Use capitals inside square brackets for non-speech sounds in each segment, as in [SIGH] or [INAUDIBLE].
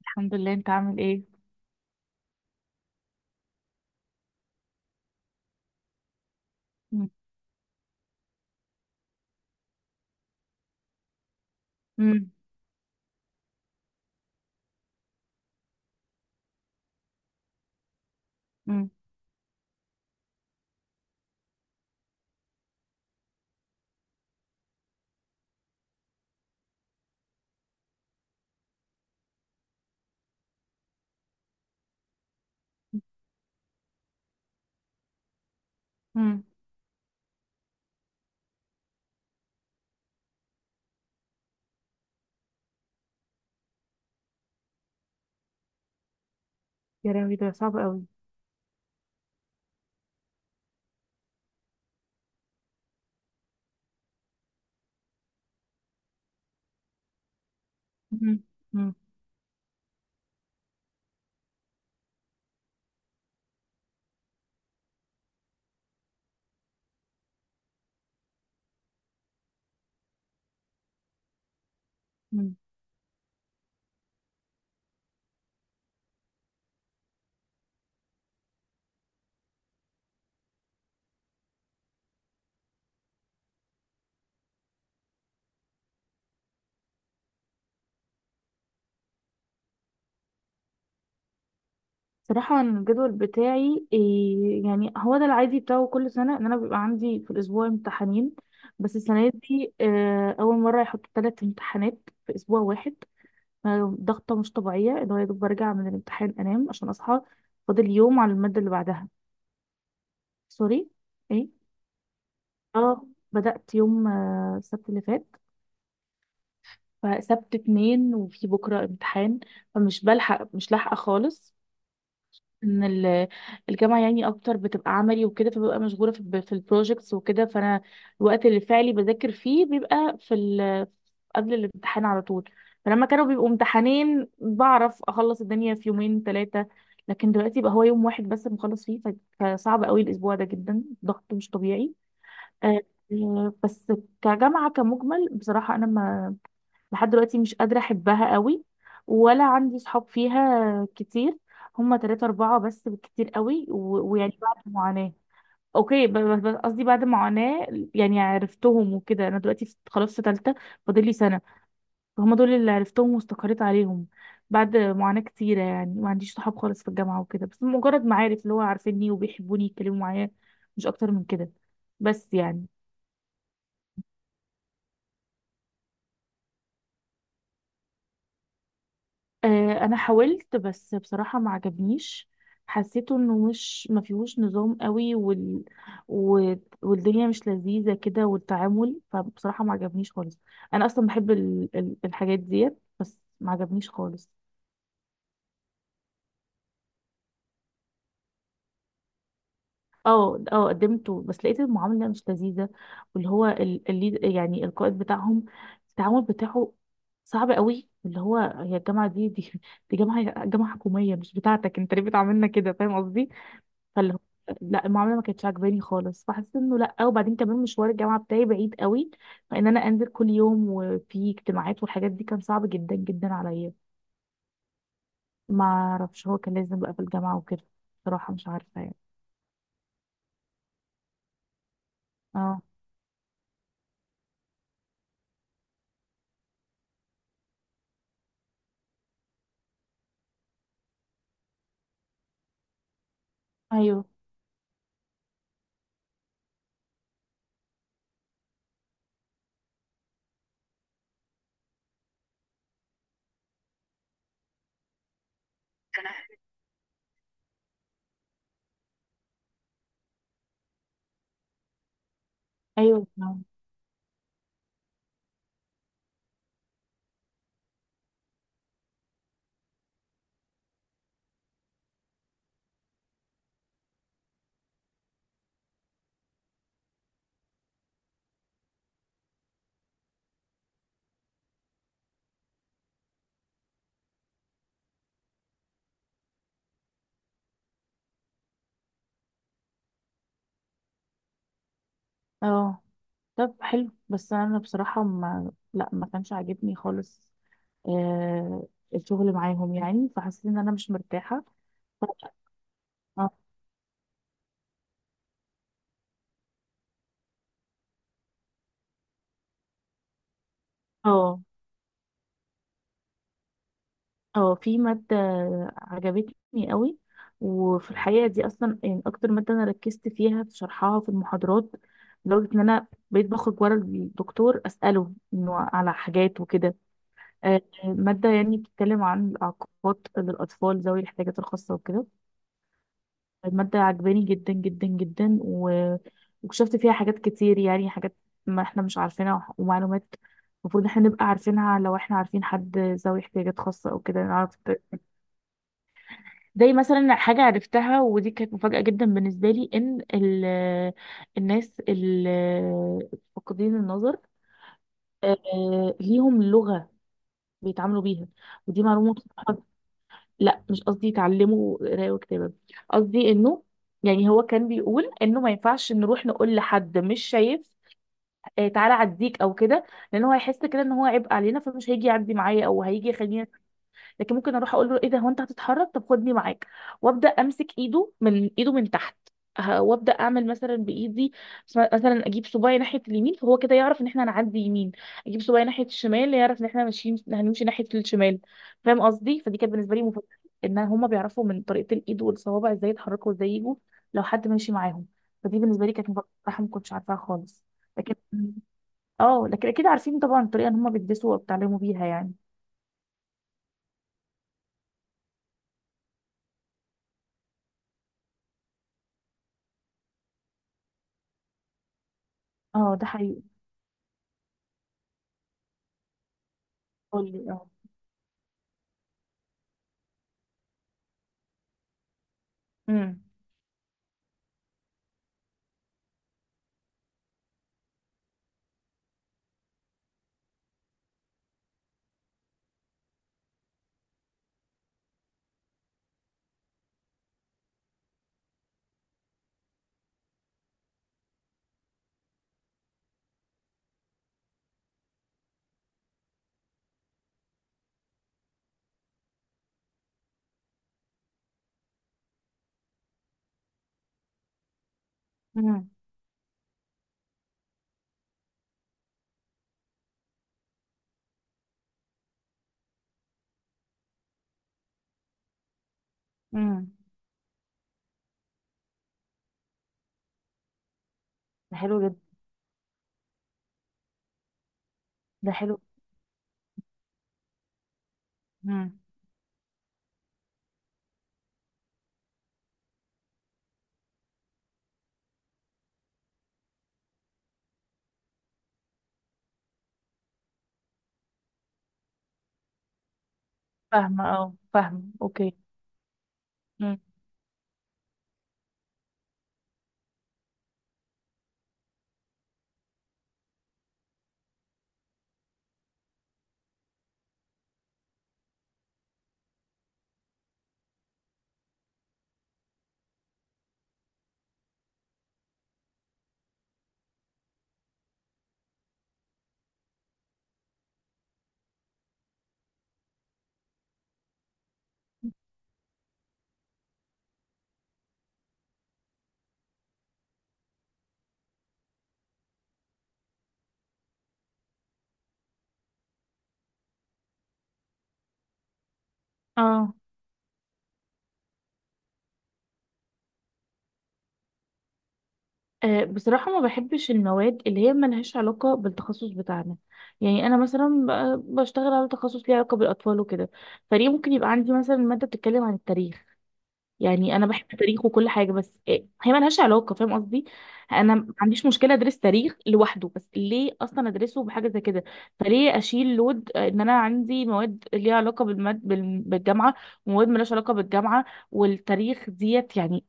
الحمد لله. انت عامل ايه؟ مم. مم. مم. مم. يا راوي، ده صعب قوي. مم. مم. مم. صراحة أنا الجدول بتاعي إيه، يعني هو ده العادي بتاعه كل سنة، ان انا بيبقى عندي في الاسبوع امتحانين. بس السنة دي اول مرة يحطوا ثلاث امتحانات في اسبوع واحد. ضغطة مش طبيعية، اللي هو يا دوب برجع من الامتحان انام عشان اصحى فاضل يوم على المادة اللي بعدها. سوري. ايه. اه. بدأت يوم السبت اللي فات. فسبت اتنين، وفي بكرة امتحان، فمش بلحق مش لاحقة خالص. ان ال- الجامعة يعني اكتر بتبقى عملي وكده، فببقى مشغولة في البروجكتس وكده. فانا الوقت اللي فعلي بذاكر فيه بيبقى في ال قبل الامتحان على طول. فلما كانوا بيبقوا امتحانين بعرف اخلص الدنيا في يومين ثلاثة. لكن دلوقتي بقى هو يوم واحد بس مخلص فيه، فصعب قوي الاسبوع ده، جدا ضغط مش طبيعي. آه، بس كجامعة كمجمل، بصراحة انا لحد دلوقتي مش قادرة أحبها قوي. ولا عندي صحاب فيها كتير. هما تلاتة أربعة بس بالكتير قوي، ويعني بعد معاناة. أوكي قصدي بعد معاناة. يعني عرفتهم وكده، أنا دلوقتي خلاص في تالتة، فاضل لي سنة. فهم دول اللي عرفتهم واستقريت عليهم بعد معاناة كتيرة. يعني ما عنديش صحاب خالص في الجامعة وكده، بس مجرد معارف اللي هو عارفيني وبيحبوني يتكلموا معايا، مش أكتر من كده. بس يعني انا حاولت، بس بصراحه ما عجبنيش. حسيته انه مش ما فيهوش نظام قوي، و- والدنيا مش لذيذه كده، والتعامل. فبصراحه ما عجبنيش خالص. انا اصلا بحب الحاجات ديت، بس ما عجبنيش خالص. اه، اه، قدمته بس لقيت المعامله مش لذيذه. واللي هو يعني القائد بتاعهم، التعامل بتاعه صعب قوي. اللي هو هي الجامعه دي، دي جامعه حكوميه، مش بتاعتك انت، ليه بتعاملنا كده؟ فاهم قصدي. فاللي هو، لا المعامله ما كانتش عاجباني خالص. فحسيت انه لا. وبعدين كمان مشوار الجامعه بتاعي بعيد قوي، فان انا انزل كل يوم وفي اجتماعات والحاجات دي، كان صعب جدا جدا عليا. ما اعرفش، هو كان لازم بقى في الجامعه وكده. بصراحه مش عارفه يعني. اه. ايوه. ايوه. نعم. اه. طب حلو، بس انا بصراحه ما كانش عاجبني خالص. آه الشغل معاهم، يعني فحسيت ان انا مش مرتاحه. اه، اه، اه، في مادة عجبتني قوي. وفي الحقيقة دي أصلا يعني أكتر مادة أنا ركزت فيها في شرحها في المحاضرات، لدرجة إن أنا بقيت بخرج ورا الدكتور أسأله إنه على حاجات وكده. مادة يعني بتتكلم عن الإعاقات للأطفال ذوي الاحتياجات الخاصة وكده. المادة عجباني جدا جدا جدا، واكتشفت فيها حاجات كتير، يعني حاجات ما إحنا مش عارفينها، ومعلومات المفروض إحنا نبقى عارفينها لو إحنا عارفين حد ذوي احتياجات خاصة أو كده نعرف. زي مثلا حاجة عرفتها، ودي كانت مفاجأة جدا بالنسبة لي، إن الناس اللي فاقدين النظر ليهم لغة بيتعاملوا بيها. ودي معلومة بصراحة. لا مش قصدي يتعلموا قراية وكتابة، قصدي إنه، يعني هو كان بيقول إنه ما ينفعش نروح نقول لحد مش شايف تعالى عديك أو كده. لأن هو هيحس كده إن هو عبء علينا، فمش هيجي يعدي معايا أو هيجي يخليني. لكن ممكن اروح اقول له ايه ده، هو انت هتتحرك؟ طب خدني معاك. وابدا امسك ايده من ايده من تحت. وابدا اعمل مثلا بايدي، مثلا اجيب صباعي ناحيه اليمين، فهو كده يعرف ان احنا هنعدي يمين. اجيب صباعي ناحيه الشمال، يعرف ان احنا ماشيين هنمشي ناحيه الشمال. فاهم قصدي؟ فدي كانت بالنسبه لي مفاجاه. ان هما بيعرفوا من طريقه الايد والصوابع ازاي يتحركوا وازاي يجوا لو حد ماشي معاهم. فدي بالنسبه لي كانت مفاجاه، بصراحه ما كنتش عارفاها خالص. لكن اه لكن اكيد عارفين طبعا الطريقه ان هما بيدرسوا وبيتعلموا بيها يعني. اه، ده حقيقي. قولي، اه. امم. امم. امم. ده حلو جدا. ده حلو. امم. فاهمة اوكي. امم. اه. بصراحة ما بحبش المواد اللي هي ملهاش علاقة بالتخصص بتاعنا. يعني أنا مثلا بشتغل على تخصص ليه علاقة بالأطفال وكده. فليه ممكن يبقى عندي مثلا مادة بتتكلم عن التاريخ؟ يعني انا بحب التاريخ وكل حاجه، بس إيه، هي ملهاش علاقه، فاهم قصدي. انا ما عنديش مشكله ادرس تاريخ لوحده، بس ليه اصلا ادرسه بحاجه زي كده. فليه اشيل لود ان انا عندي مواد ليها علاقه بالجامعه، ومواد ملهاش علاقه بالجامعه، والتاريخ ديت يعني.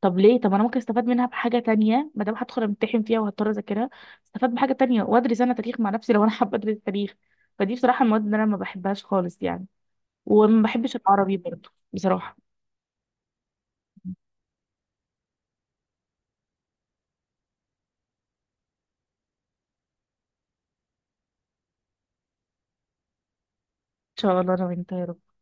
طب ليه؟ طب انا ممكن استفاد منها بحاجه تانية، ما دام هدخل امتحن فيها وهضطر اذاكرها، استفاد بحاجه تانية وادرس انا تاريخ مع نفسي لو انا [LAUGHS] حابه ادرس تاريخ. فدي بصراحه المواد اللي انا ما بحبهاش خالص يعني. وما بحبش العربي برضه بصراحه. ان شاء الله انا وانت يا رب.